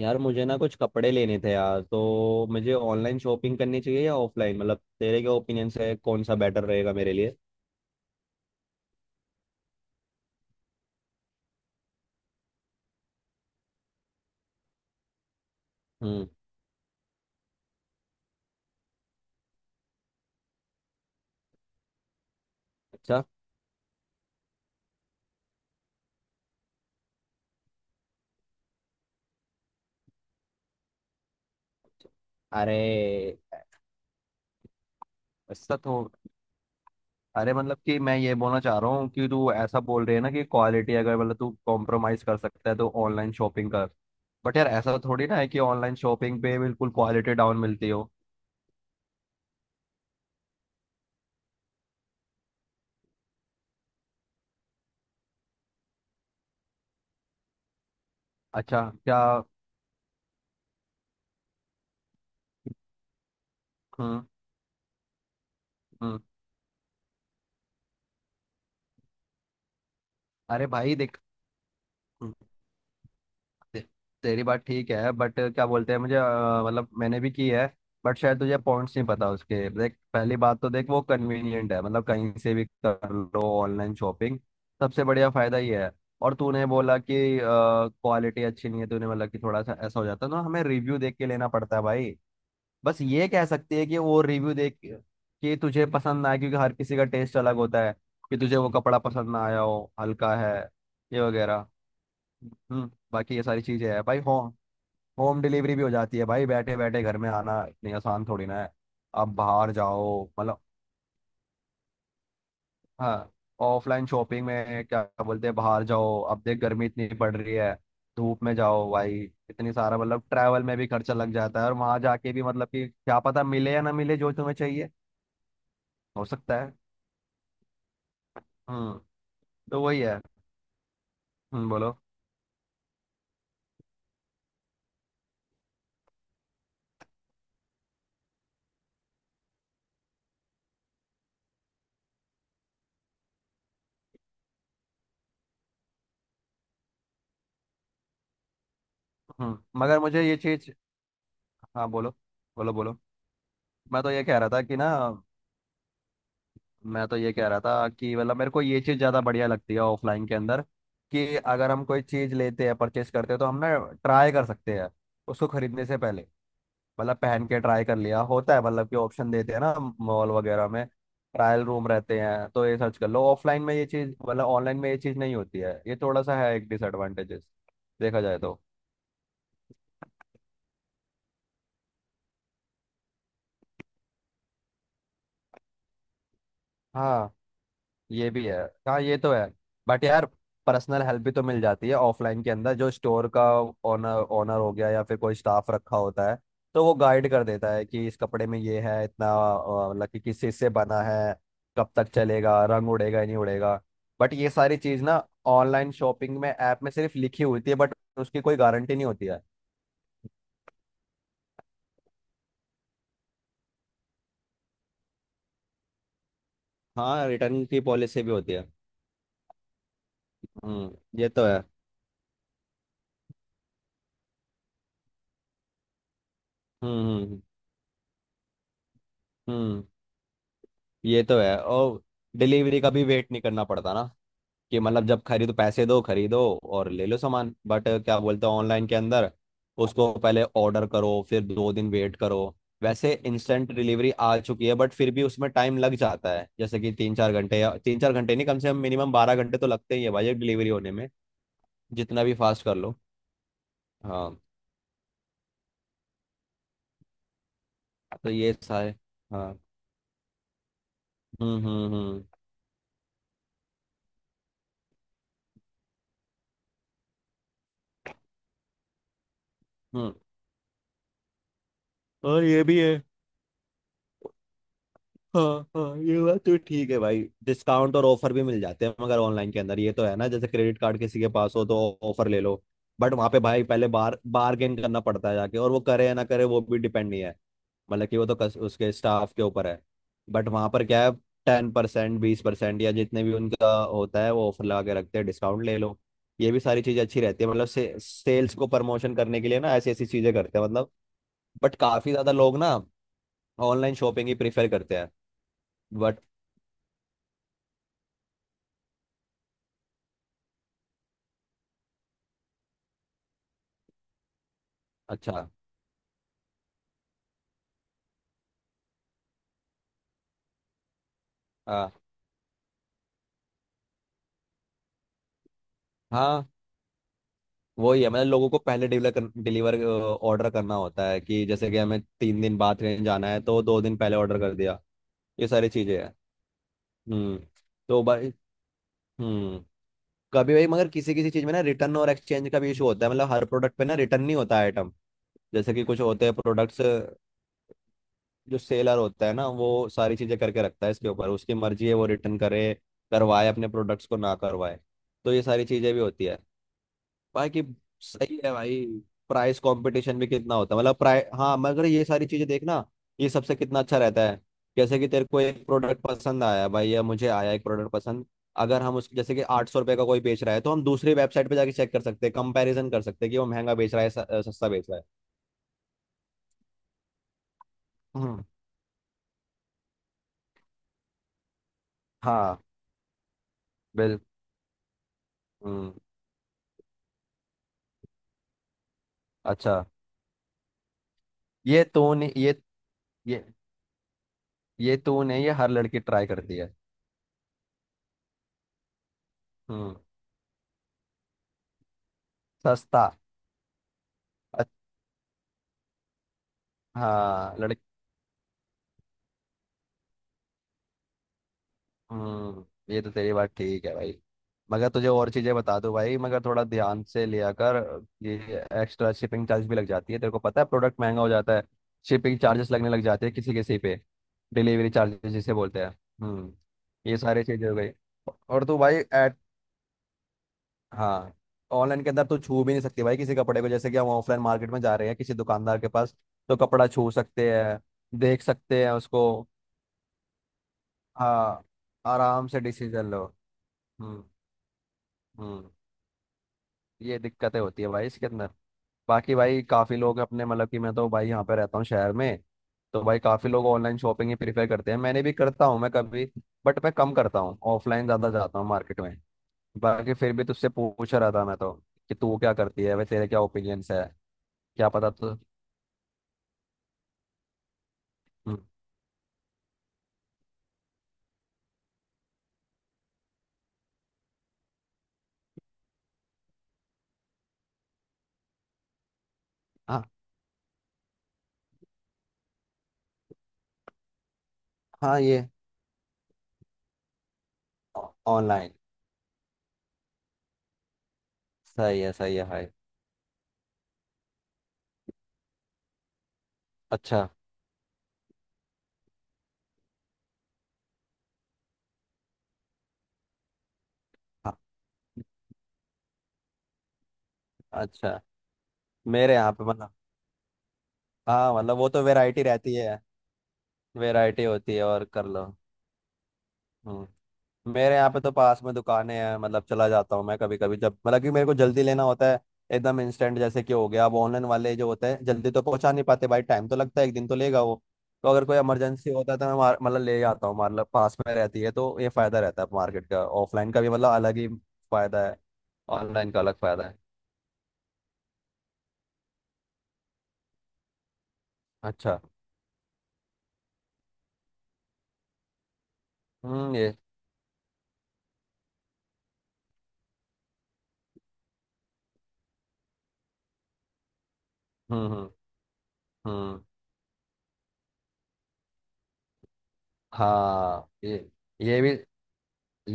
यार, मुझे ना कुछ कपड़े लेने थे यार, तो मुझे ऑनलाइन शॉपिंग करनी चाहिए या ऑफलाइन? मतलब तेरे क्या ओपिनियन से कौन सा बेटर रहेगा मेरे लिए? हम्म। अच्छा। अरे! ऐसा तो अरे, मतलब कि मैं ये बोलना चाह रहा हूँ कि तू ऐसा बोल रही है ना कि क्वालिटी, अगर मतलब तू कॉम्प्रोमाइज कर सकता है तो ऑनलाइन शॉपिंग कर। बट यार, ऐसा थोड़ी ना है कि ऑनलाइन शॉपिंग पे बिल्कुल क्वालिटी डाउन मिलती हो। अच्छा क्या? हम्म। हम्म। अरे भाई देख। ते- तेरी बात ठीक है, बट क्या बोलते हैं, मुझे मतलब मैंने भी की है। बट शायद तुझे पॉइंट्स नहीं पता उसके। देख, पहली बात तो देख वो कन्वीनियंट है, मतलब कहीं से भी कर लो ऑनलाइन शॉपिंग। सबसे बढ़िया फायदा ये है। और तूने बोला कि क्वालिटी अच्छी नहीं है तूने, मतलब कि थोड़ा सा ऐसा हो जाता है ना, हमें रिव्यू देख के लेना पड़ता है भाई। बस ये कह सकती है कि वो रिव्यू देख के, कि तुझे पसंद ना आए, क्योंकि हर किसी का टेस्ट अलग होता है। कि तुझे वो कपड़ा पसंद ना आया हो, हल्का है, ये वगैरह। हम्म। बाकी ये सारी चीजें हैं भाई। हो होम डिलीवरी भी हो जाती है भाई, बैठे बैठे घर में। आना इतनी आसान थोड़ी ना है, आप बाहर जाओ मतलब। हाँ। ऑफलाइन शॉपिंग में क्या बोलते हैं, बाहर जाओ, अब देख गर्मी इतनी पड़ रही है, धूप में जाओ भाई। इतनी सारा मतलब ट्रैवल में भी खर्चा लग जाता है, और वहां जाके भी मतलब कि क्या पता मिले या ना मिले जो तुम्हें चाहिए। हो सकता है। हम्म। तो वही है। हम्म, बोलो। मगर मुझे ये चीज हाँ, बोलो, बोलो, बोलो। मैं तो ये कह रहा था कि ना मैं तो ये कह रहा था कि मतलब मेरे को ये चीज़ ज़्यादा बढ़िया लगती है ऑफलाइन के अंदर। कि अगर हम कोई चीज़ लेते हैं, परचेस करते हैं, तो हम ना ट्राई कर सकते हैं उसको खरीदने से पहले। मतलब पहन के ट्राई कर लिया होता है, मतलब कि ऑप्शन देते हैं ना मॉल वगैरह में। ट्रायल रूम रहते हैं, तो ये सर्च कर लो ऑफलाइन में, ये चीज़, मतलब ऑनलाइन में ये चीज़ नहीं होती है, ये थोड़ा सा है, एक डिसएडवांटेजेस देखा जाए तो। हाँ, ये भी है। हाँ, ये तो है। बट यार, पर्सनल हेल्प भी तो मिल जाती है ऑफलाइन के अंदर, जो स्टोर का ओनर, ओनर हो गया या फिर कोई स्टाफ रखा होता है। तो वो गाइड कर देता है कि इस कपड़े में ये है, इतना मतलब कि किस चीज़ से बना है, कब तक चलेगा, रंग उड़ेगा या नहीं उड़ेगा। बट ये सारी चीज़ ना ऑनलाइन शॉपिंग में, ऐप में सिर्फ लिखी होती है, बट उसकी कोई गारंटी नहीं होती है। हाँ, रिटर्न की पॉलिसी भी होती है। हम्म। ये तो है। हम्म, हम्म, हम्म, ये तो है। और डिलीवरी का भी वेट नहीं करना पड़ता ना, कि मतलब जब खरीदो, पैसे दो, खरीदो और ले लो सामान, बट क्या बोलते हैं ऑनलाइन के अंदर, उसको पहले ऑर्डर करो फिर 2 दिन वेट करो। वैसे इंस्टेंट डिलीवरी आ चुकी है, बट फिर भी उसमें टाइम लग जाता है, जैसे कि 3-4 घंटे, या 3-4 घंटे नहीं, कम से कम मिनिमम 12 घंटे तो लगते ही है भाई एक डिलीवरी होने में, जितना भी फास्ट कर लो। हाँ, तो ये सा है। हाँ। हम्म, हम्म, हम्म, हम्म। और ये भी है। हाँ। हाँ, ये बात तो ठीक है भाई। डिस्काउंट और ऑफर भी मिल जाते हैं मगर ऑनलाइन के अंदर, ये तो है ना, जैसे क्रेडिट कार्ड किसी के पास हो तो ऑफर ले लो। बट वहां पे भाई पहले बार बार्गेन करना पड़ता है जाके, और वो करे या ना करे वो भी डिपेंड नहीं है, मतलब कि वो तो उसके स्टाफ के ऊपर है। बट वहां पर क्या है, 10%, 20%, या जितने भी उनका होता है वो ऑफर लगा के रखते हैं, डिस्काउंट ले लो। ये भी सारी चीजें अच्छी रहती है, मतलब सेल्स को प्रमोशन करने के लिए ना ऐसी ऐसी चीजें करते हैं मतलब। बट काफी ज्यादा लोग ना ऑनलाइन शॉपिंग ही प्रेफर करते हैं बट। अच्छा। हाँ, हाँ। वही है, मतलब लोगों को पहले डिलीवर ऑर्डर करना होता है, कि जैसे कि हमें 3 दिन बाद ट्रेन जाना है तो 2 दिन पहले ऑर्डर कर दिया। ये सारी चीजें हैं। हम्म। तो भाई। हम्म। कभी भाई, मगर किसी किसी चीज में ना रिटर्न और एक्सचेंज का भी इशू होता है, मतलब हर प्रोडक्ट पे ना रिटर्न नहीं होता आइटम, जैसे कि कुछ होते हैं प्रोडक्ट्स, जो सेलर होता है ना वो सारी चीजें करके रखता है, इसके ऊपर उसकी मर्जी है वो रिटर्न करे, करवाए अपने प्रोडक्ट्स को, ना करवाए। तो ये सारी चीजें भी होती है। बाकी सही है भाई। प्राइस कंपटीशन भी कितना होता है, मतलब प्राइस, हाँ, मगर ये सारी चीजें देखना, ये सबसे कितना अच्छा रहता है। जैसे कि तेरे को एक प्रोडक्ट पसंद आया भाई, या मुझे आया एक प्रोडक्ट पसंद, अगर हम उसको, जैसे कि 800 रुपये का कोई बेच रहा है, तो हम दूसरी वेबसाइट पे जाके चेक कर सकते हैं, कंपैरिजन कर सकते हैं कि वो महंगा बेच रहा है सस्ता बेच रहा है। हम्म। हाँ। बिल। हम्म। अच्छा। ये तो ने ये ये तो ने ये हर लड़की ट्राई करती है। हम्म। सस्ता अ- हाँ, लड़की। हम्म। ये तो तेरी बात ठीक है भाई, मगर तुझे और चीजें बता दूं भाई, मगर थोड़ा ध्यान से लिया कर। ये एक्स्ट्रा शिपिंग चार्ज भी लग जाती है, तेरे को पता है, प्रोडक्ट महंगा हो जाता है, शिपिंग चार्जेस लगने लग जाते हैं किसी किसी पे, डिलीवरी चार्जेस जिसे बोलते हैं। हम्म। ये सारी चीजें हो गई। और तू भाई एट। हाँ। ऑनलाइन के अंदर तू छू भी नहीं सकती भाई किसी कपड़े को, जैसे कि हम ऑफलाइन मार्केट में जा रहे हैं किसी दुकानदार के पास, तो कपड़ा छू सकते हैं, देख सकते हैं उसको। हाँ। आराम से डिसीजन लो। हम्म। हम्म। ये दिक्कतें होती है भाई इसके अंदर। बाकी भाई काफी लोग अपने, मतलब कि मैं तो भाई यहाँ पे रहता हूँ शहर में, तो भाई काफी लोग ऑनलाइन शॉपिंग ही प्रीफर करते हैं, मैंने भी करता हूँ मैं कभी, बट मैं कम करता हूँ, ऑफलाइन ज्यादा जाता हूँ मार्केट में। बाकी फिर भी तुझसे पूछ रहा था मैं तो, कि तू क्या करती है भाई, तेरे क्या ओपिनियंस है, क्या पता तो। हम्म, हाँ, हाँ। ये ऑनलाइन। सही है, सही है भाई। अच्छा। हाँ, अच्छा। मेरे यहाँ पे मतलब, हाँ, मतलब वो तो वैरायटी रहती है। वैरायटी होती है और कर लो। हम्म। मेरे यहाँ पे तो पास में दुकानें हैं, मतलब चला जाता हूँ मैं कभी कभी जब, मतलब कि मेरे को जल्दी लेना होता है, एकदम इंस्टेंट जैसे कि हो गया, अब ऑनलाइन वाले जो होते हैं जल्दी तो पहुंचा नहीं पाते भाई, टाइम तो लगता है, एक दिन तो लेगा वो। तो अगर कोई इमरजेंसी होता है तो मैं मतलब ले जाता हूँ, मतलब पास में रहती है तो ये फायदा रहता है मार्केट का ऑफलाइन का भी, मतलब अलग ही फायदा है, ऑनलाइन का अलग फायदा है। अच्छा। हम्म। ये। हम्म, हम्म, हम्म। हाँ, ये भी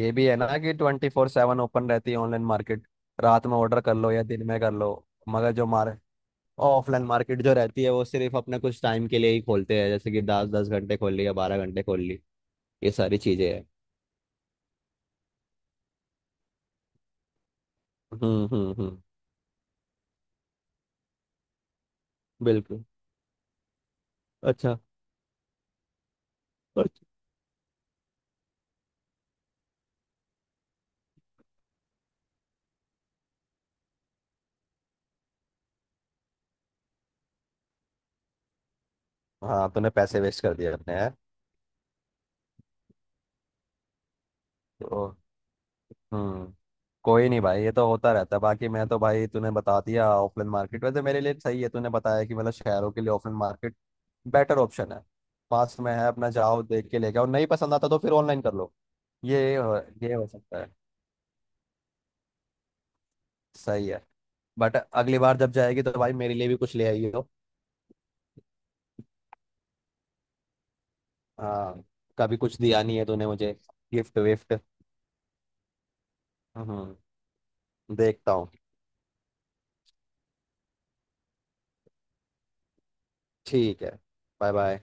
ये भी है ना कि 24/7 ओपन रहती है ऑनलाइन मार्केट। रात में ऑर्डर कर लो या दिन में कर लो। मगर जो मार ऑफलाइन मार्केट जो रहती है वो सिर्फ अपने कुछ टाइम के लिए ही खोलते हैं, जैसे कि 10-10 घंटे खोल ली या 12 घंटे खोल ली। ये सारी चीजें हैं। हम्म। हम्म। हम्म। बिल्कुल। अच्छा। अच्छा। हाँ, तूने पैसे वेस्ट कर दिए अपने यार। तो, हम्म। कोई नहीं भाई, ये तो होता रहता है, बाकी मैं तो भाई तूने बता दिया ऑफलाइन मार्केट वैसे मेरे लिए सही है, तूने बताया कि मतलब शहरों के लिए ऑफलाइन मार्केट बेटर ऑप्शन है। पास में है अपना, जाओ देख के लेके आओ, नहीं पसंद आता तो फिर ऑनलाइन कर लो। ये हो, ये हो सकता है। सही है। बट अगली बार जब जाएगी तो भाई मेरे लिए भी कुछ ले आई हो। हाँ। कभी कुछ दिया नहीं है तूने मुझे, गिफ्ट विफ्ट। हम्म। देखता हूँ। ठीक है। Bye bye.